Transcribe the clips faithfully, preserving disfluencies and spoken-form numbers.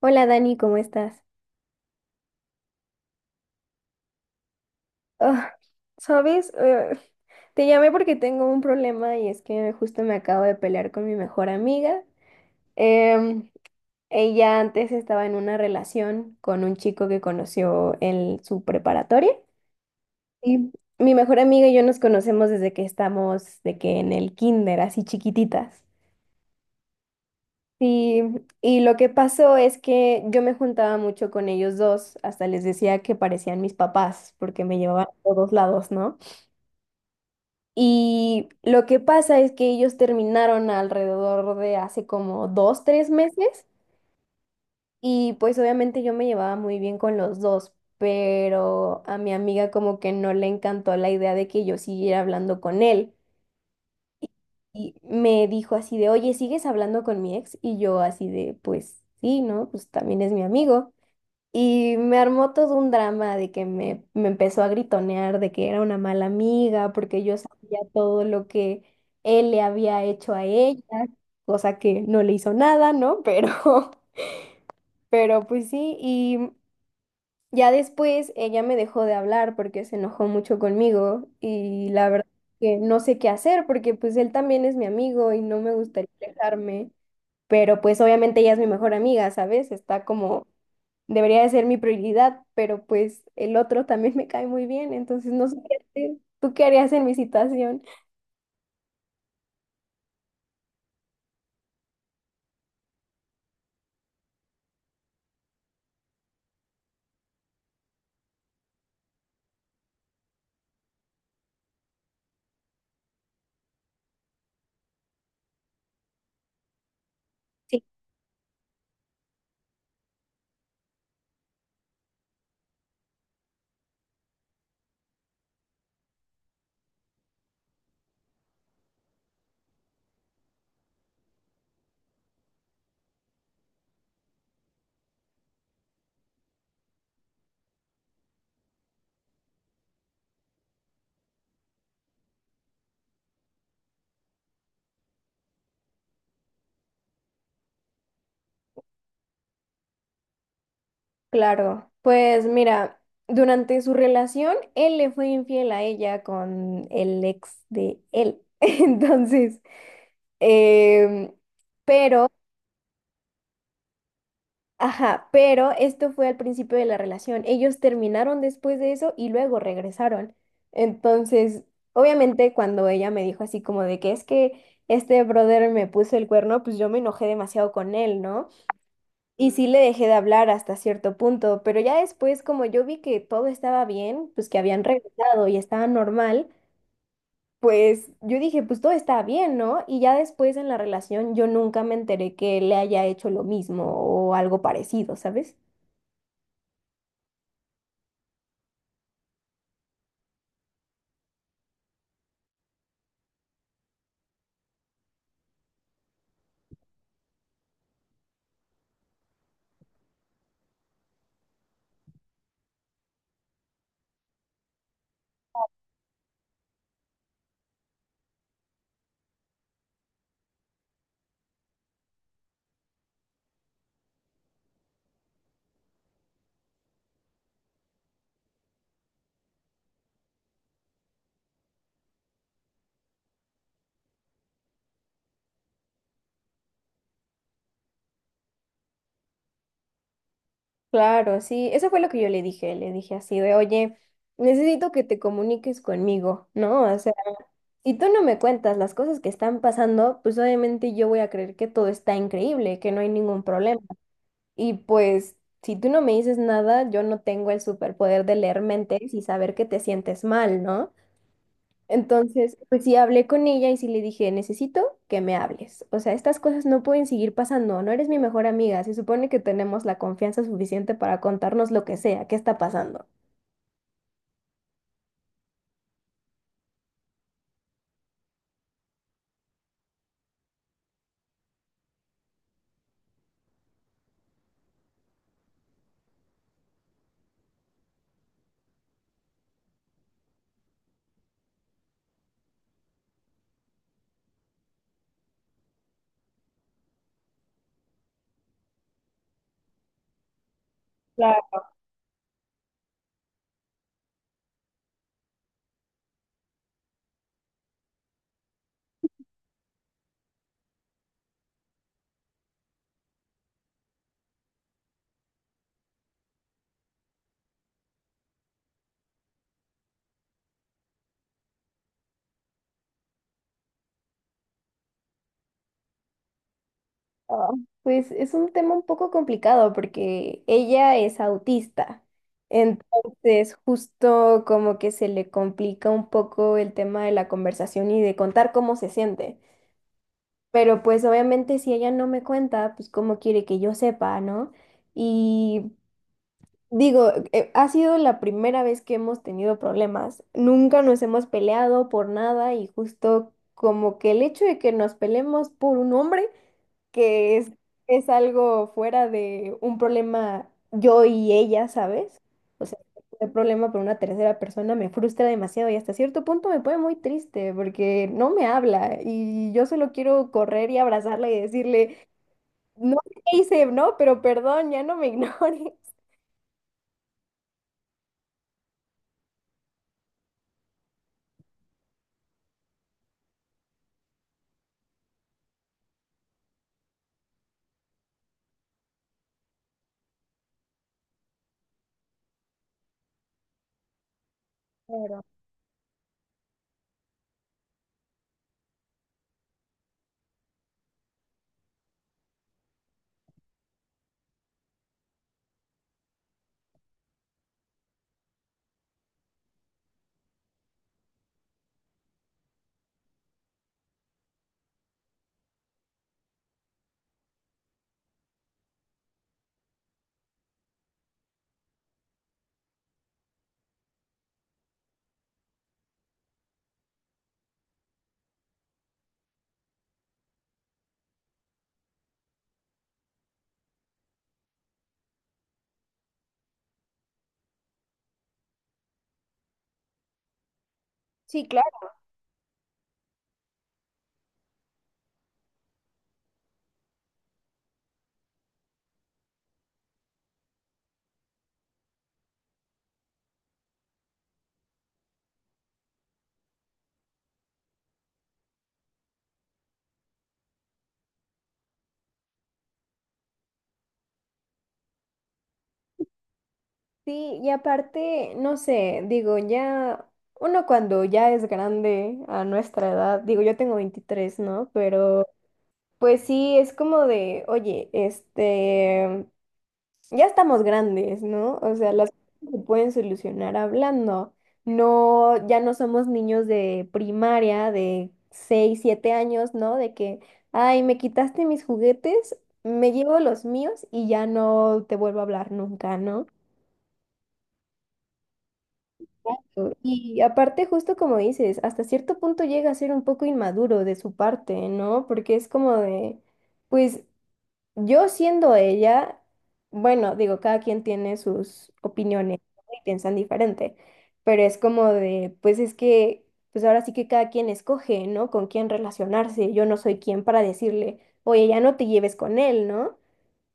Hola Dani, ¿cómo estás? Ah, ¿sabes? Eh, Te llamé porque tengo un problema y es que justo me acabo de pelear con mi mejor amiga. Em, Ella antes estaba en una relación con un chico que conoció en su preparatoria. Y mi mejor amiga y yo nos conocemos desde que estamos, de que en el kinder, así chiquititas. Sí. Y lo que pasó es que yo me juntaba mucho con ellos dos, hasta les decía que parecían mis papás, porque me llevaban a todos lados, ¿no? Y lo que pasa es que ellos terminaron alrededor de hace como dos, tres meses y pues obviamente yo me llevaba muy bien con los dos, pero a mi amiga como que no le encantó la idea de que yo siguiera hablando con él y me dijo así de, oye, ¿sigues hablando con mi ex? Y yo así de, pues sí, ¿no? Pues también es mi amigo. Y me armó todo un drama de que me, me empezó a gritonear de que era una mala amiga, porque yo sabía todo lo que él le había hecho a ella, cosa que no le hizo nada, ¿no? Pero, pero pues sí, y ya después ella me dejó de hablar porque se enojó mucho conmigo y la verdad que no sé qué hacer porque pues él también es mi amigo y no me gustaría alejarme, pero pues obviamente ella es mi mejor amiga, ¿sabes? Está como, debería de ser mi prioridad, pero pues el otro también me cae muy bien, entonces no sé qué hacer. ¿Tú qué harías en mi situación? Sí, claro. Pues mira, durante su relación, él le fue infiel a ella con el ex de él. Entonces, em, pero ajá, pero esto fue al principio de la relación. Ellos terminaron después de eso y luego regresaron. Entonces, obviamente cuando ella me dijo así como de que es que este brother me puso el cuerno, pues yo me enojé demasiado con él, ¿no? Y sí le dejé de hablar hasta cierto punto, pero ya después como yo vi que todo estaba bien, pues que habían regresado y estaba normal, pues yo dije, pues todo está bien, ¿no? Y ya después en la relación yo nunca me enteré que le haya hecho lo mismo o algo parecido, ¿sabes? Claro, sí, eso fue lo que yo le dije, le dije así de, oye, necesito que te comuniques conmigo, ¿no? O sea, si tú no me cuentas las cosas que están pasando, pues obviamente yo voy a creer que todo está increíble, que no hay ningún problema. Y pues, si tú no me dices nada, yo no tengo el superpoder de leer mentes y saber que te sientes mal, ¿no? Entonces, pues sí hablé con ella y sí le dije, necesito que me hables. O sea, estas cosas no pueden seguir pasando, no eres mi mejor amiga, se supone que tenemos la confianza suficiente para contarnos lo que sea, qué está pasando. Claro. Pues es un tema un poco complicado porque ella es autista. Entonces, justo como que se le complica un poco el tema de la conversación y de contar cómo se siente. Pero pues obviamente si ella no me cuenta, pues cómo quiere que yo sepa, ¿no? Y digo, eh, ha sido la primera vez que hemos tenido problemas. Nunca nos hemos peleado por nada y justo como que el hecho de que nos peleemos por un hombre, que es, es algo fuera de un problema yo y ella, ¿sabes? O sea, el problema por una tercera persona me frustra demasiado y hasta cierto punto me pone muy triste porque no me habla y yo solo quiero correr y abrazarla y decirle, no sé qué hice, no, pero perdón, ya no me ignores. Claro. Sí, sí, y aparte, no sé, digo, ya uno cuando ya es grande a nuestra edad, digo, yo tengo veintitrés, ¿no? Pero pues sí, es como de, oye, este, ya estamos grandes, ¿no? O sea, las cosas se pueden solucionar hablando. No, ya no somos niños de primaria, de seis, siete años, ¿no? De que, ay, me quitaste mis juguetes, me llevo los míos y ya no te vuelvo a hablar nunca, ¿no? Exacto. Y aparte, justo como dices, hasta cierto punto llega a ser un poco inmaduro de su parte, ¿no? Porque es como de, pues yo siendo ella, bueno, digo, cada quien tiene sus opiniones, ¿no? Y piensan diferente, pero es como de, pues es que, pues ahora sí que cada quien escoge, ¿no? Con quién relacionarse. Yo no soy quien para decirle, oye, ya no te lleves con él, ¿no?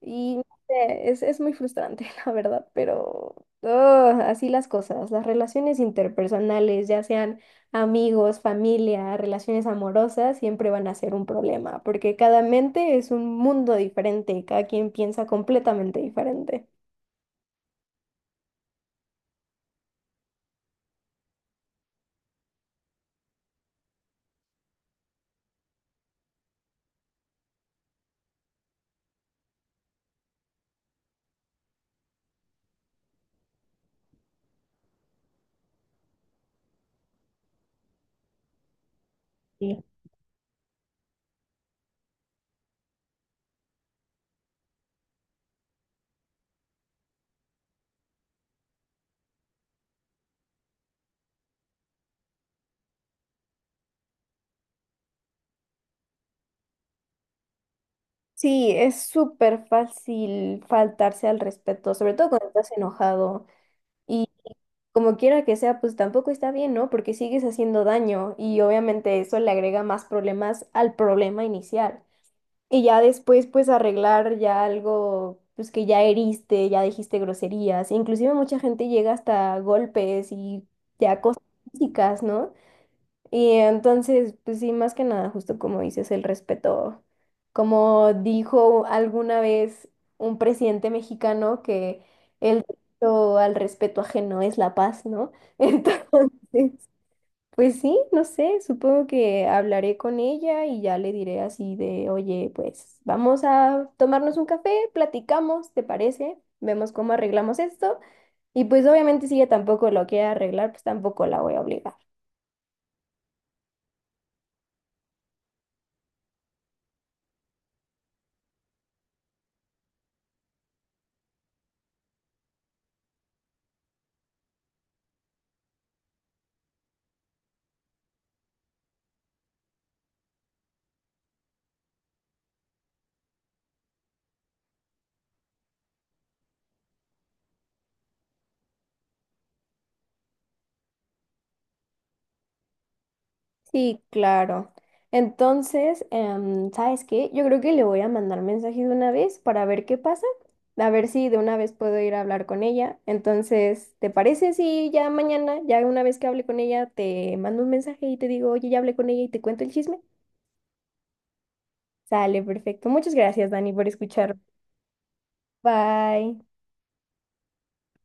Y no sé, es, es muy frustrante, la verdad, pero ugh, así las cosas, las relaciones interpersonales, ya sean amigos, familia, relaciones amorosas, siempre van a ser un problema, porque cada mente es un mundo diferente, cada quien piensa completamente diferente. Sí. Sí, es súper fácil faltarse al respeto, sobre todo cuando estás enojado. Como quiera que sea, pues tampoco está bien, ¿no? Porque sigues haciendo daño y obviamente eso le agrega más problemas al problema inicial. Y ya después, pues arreglar ya algo, pues que ya heriste, ya dijiste groserías. Inclusive mucha gente llega hasta golpes y ya cosas físicas, ¿no? Y entonces, pues sí, más que nada, justo como dices, el respeto, como dijo alguna vez un presidente mexicano que el derecho al respeto ajeno es la paz, ¿no? Entonces, pues sí, no sé, supongo que hablaré con ella y ya le diré así de, oye, pues vamos a tomarnos un café, platicamos, ¿te parece? Vemos cómo arreglamos esto. Y pues obviamente si ella tampoco lo quiere arreglar, pues tampoco la voy a obligar. Sí, claro. Entonces, em, ¿sabes qué? Yo creo que le voy a mandar mensaje de una vez para ver qué pasa, a ver si de una vez puedo ir a hablar con ella. Entonces, ¿te parece si ya mañana, ya una vez que hable con ella, te mando un mensaje y te digo, oye, ya hablé con ella y te cuento el chisme? Sale, perfecto. Muchas gracias, Dani, por escuchar. Bye.